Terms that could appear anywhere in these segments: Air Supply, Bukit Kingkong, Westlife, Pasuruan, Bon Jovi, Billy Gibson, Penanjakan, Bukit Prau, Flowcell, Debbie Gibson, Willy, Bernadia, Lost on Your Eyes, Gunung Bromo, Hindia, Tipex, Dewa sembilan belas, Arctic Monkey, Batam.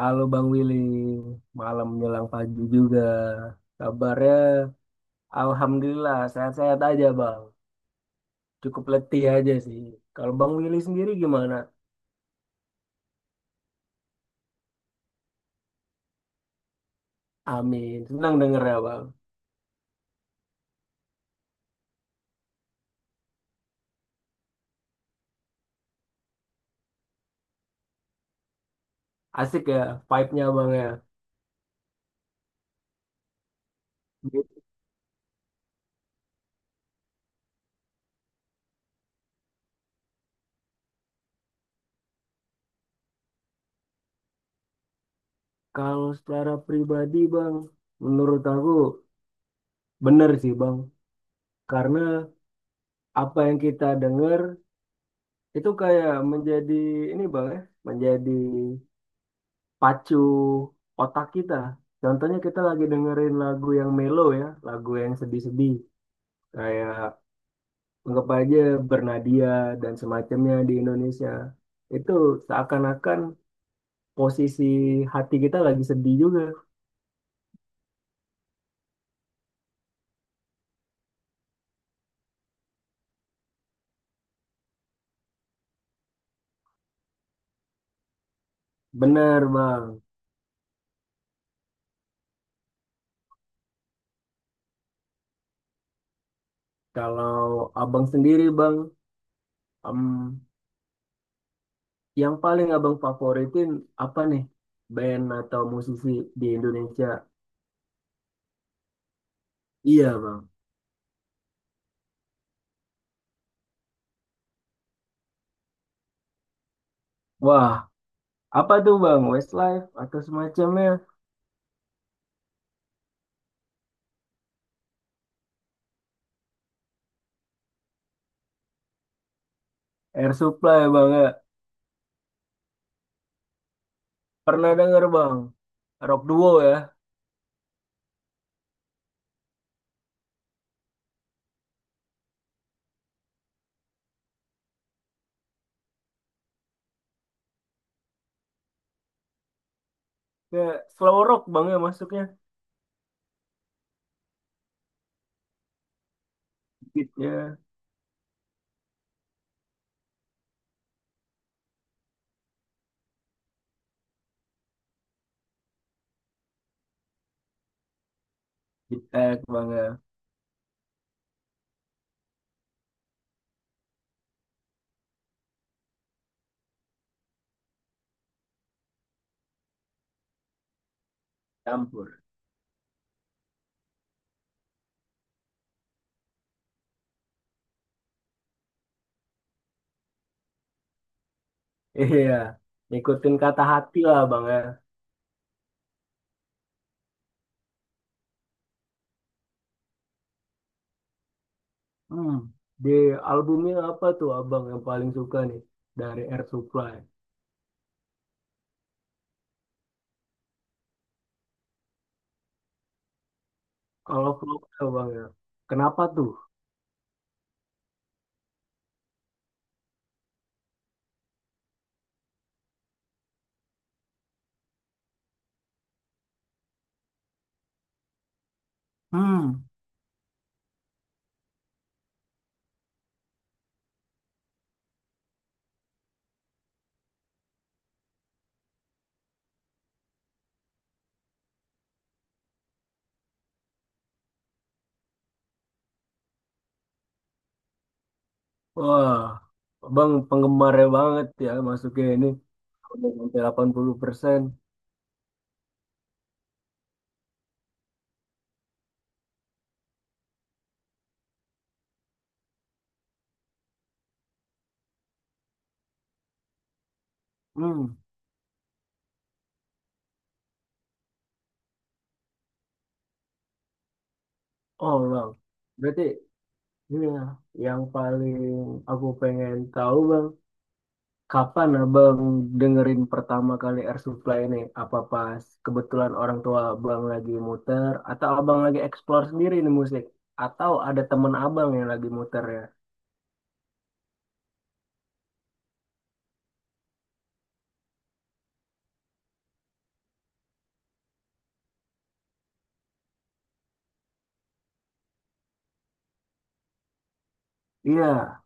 Halo Bang Willy, malam menjelang pagi juga. Kabarnya Alhamdulillah sehat-sehat aja Bang. Cukup letih aja sih. Kalau Bang Willy sendiri gimana? Amin. Senang denger ya Bang. Asik ya vibe-nya Bang ya. Kalau secara pribadi Bang, menurut aku bener sih Bang. Karena apa yang kita denger itu kayak menjadi ini Bang ya, menjadi pacu otak kita. Contohnya kita lagi dengerin lagu yang mellow ya, lagu yang sedih-sedih. Kayak anggap aja Bernadia dan semacamnya di Indonesia. Itu seakan-akan posisi hati kita lagi sedih juga. Benar bang. Kalau abang sendiri bang, em, yang paling abang favoritin apa nih? Band atau musisi di Indonesia? Iya bang. Wah, apa tuh bang? Westlife atau semacamnya? Air Supply bang ya. Pernah denger bang. Rock duo ya. Ya, slow rock bang ya masuknya. Beatnya, beat tag bang ya. Campur. Iya. Ngikutin kata hati lah bang ya. Hmm. Di albumnya apa tuh abang yang paling suka nih? Dari Air Supply. Kalau Flowcell bang ya. Kenapa tuh? Hmm. Wah. Abang penggemarnya banget ya masuknya ini. Udah sampai 80%. Hmm. Oh bang. Berarti iya, yang paling aku pengen tahu bang, kapan abang dengerin pertama kali Air Supply ini? Apa pas kebetulan orang tua abang lagi muter, atau abang lagi explore sendiri nih musik, atau ada temen abang yang lagi muter ya? Iya,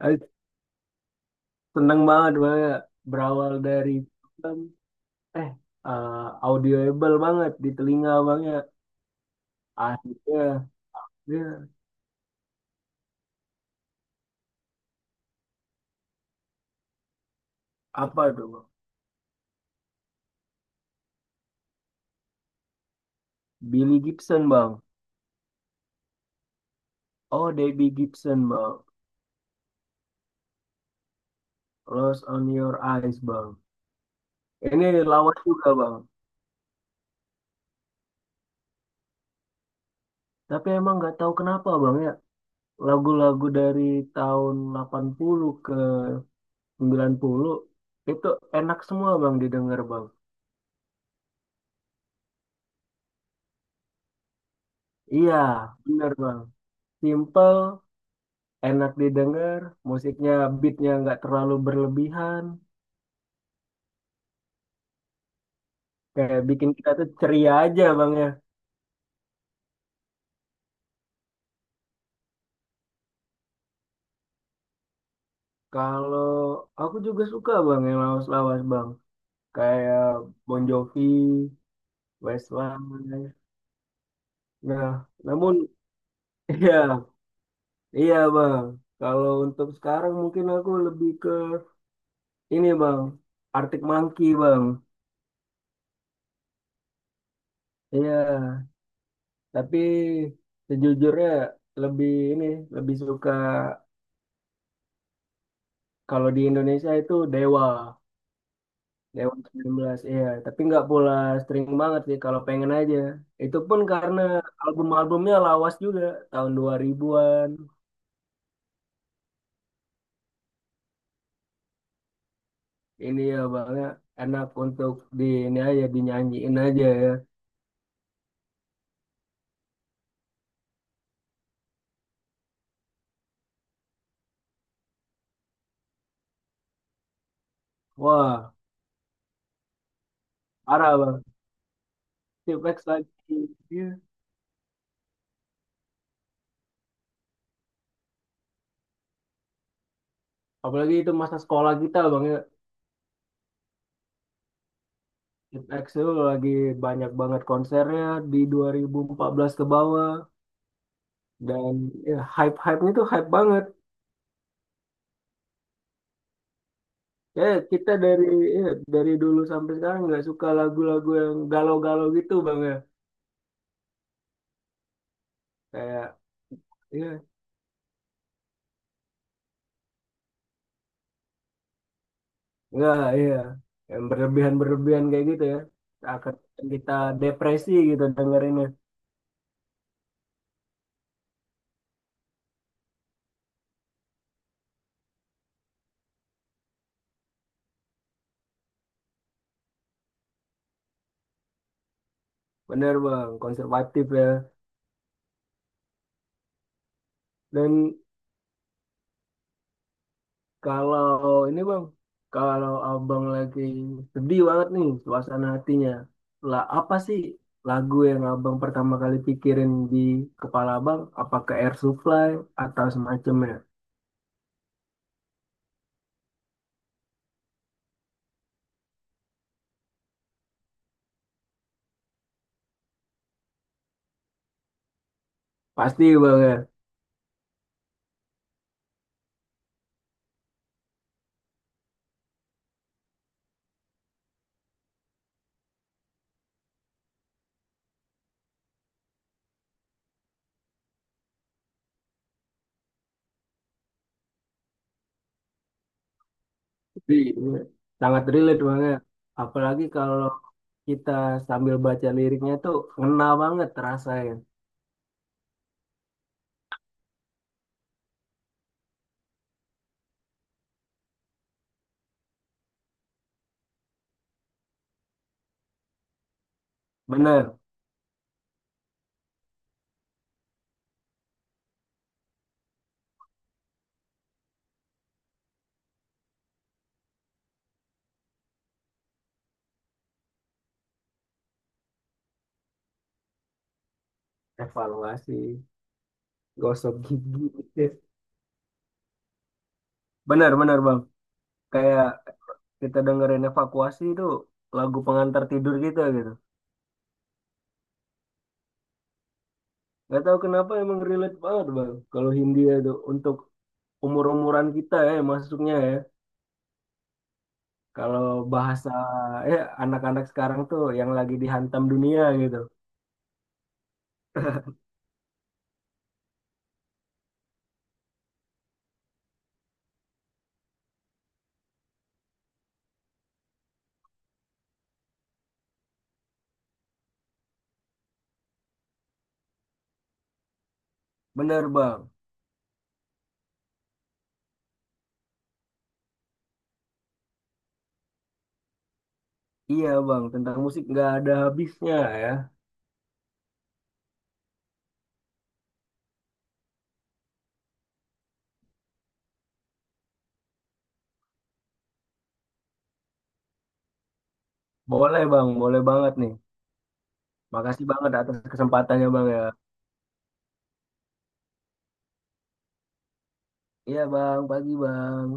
eh, seneng banget bang, ya. Berawal dari um, eh eh, audioable banget di telinga abang ya. Akhirnya, iya, apa tuh bang? Billy Gibson bang. Oh, Debbie Gibson bang. Lost on Your Eyes, Bang. Ini lawas juga, Bang. Tapi emang nggak tahu kenapa, Bang, ya. Lagu-lagu dari tahun 80 ke 90 itu enak semua, Bang, didengar, Bang. Iya, bener, Bang. Simple, enak didengar, musiknya, beatnya nggak terlalu berlebihan. Kayak bikin kita tuh ceria aja, Bang, ya. Kalau aku juga suka, Bang, yang lawas-lawas, Bang. Kayak Bon Jovi, Westlife. Nah, namun iya, iya Bang. Kalau untuk sekarang mungkin aku lebih ke ini Bang, Arctic Monkey Bang. Iya, tapi sejujurnya lebih ini, lebih suka kalau di Indonesia itu Dewa, Dewa 19. Iya, tapi nggak pula string banget sih kalau pengen aja. Itu pun karena album-albumnya lawas juga, tahun 2000-an. Ini ya Bang, ya, enak untuk di ini aja dinyanyiin aja ya. Wah. Parah bang, Tipex lagi. Iya. Apalagi itu masa sekolah kita bang ya. Tipex itu lagi banyak banget konsernya di 2014 ke bawah. Dan ya, hype-hype-nya tuh hype banget. Ya kita dari ya, dari dulu sampai sekarang nggak suka lagu-lagu yang galau-galau gitu bang ya. Kayak ya nggak ya yang berlebihan-berlebihan kayak gitu ya. Akan kita depresi gitu dengerinnya. Bener bang, konservatif ya. Dan kalau ini bang, kalau abang lagi sedih banget nih suasana hatinya, lah apa sih lagu yang abang pertama kali pikirin di kepala abang? Apa ke Air Supply atau semacamnya? Pasti bang ya. Pasti. Iya, sangat relate banget. Apalagi kalau kita sambil baca liriknya tuh ngena banget rasanya. Bener, evaluasi, gosok gigi. Bener, bener bang. Kayak kita dengerin evakuasi itu lagu pengantar tidur kita gitu. Gak tahu kenapa emang relate banget bang. Kalau Hindia itu untuk umur-umuran kita ya masuknya ya. Kalau bahasa ya anak-anak sekarang tuh yang lagi dihantam dunia gitu. Bener bang. Iya bang, tentang musik nggak ada habisnya ya. Boleh bang, boleh banget nih. Makasih banget atas kesempatannya bang ya. Iya bang, pagi bang.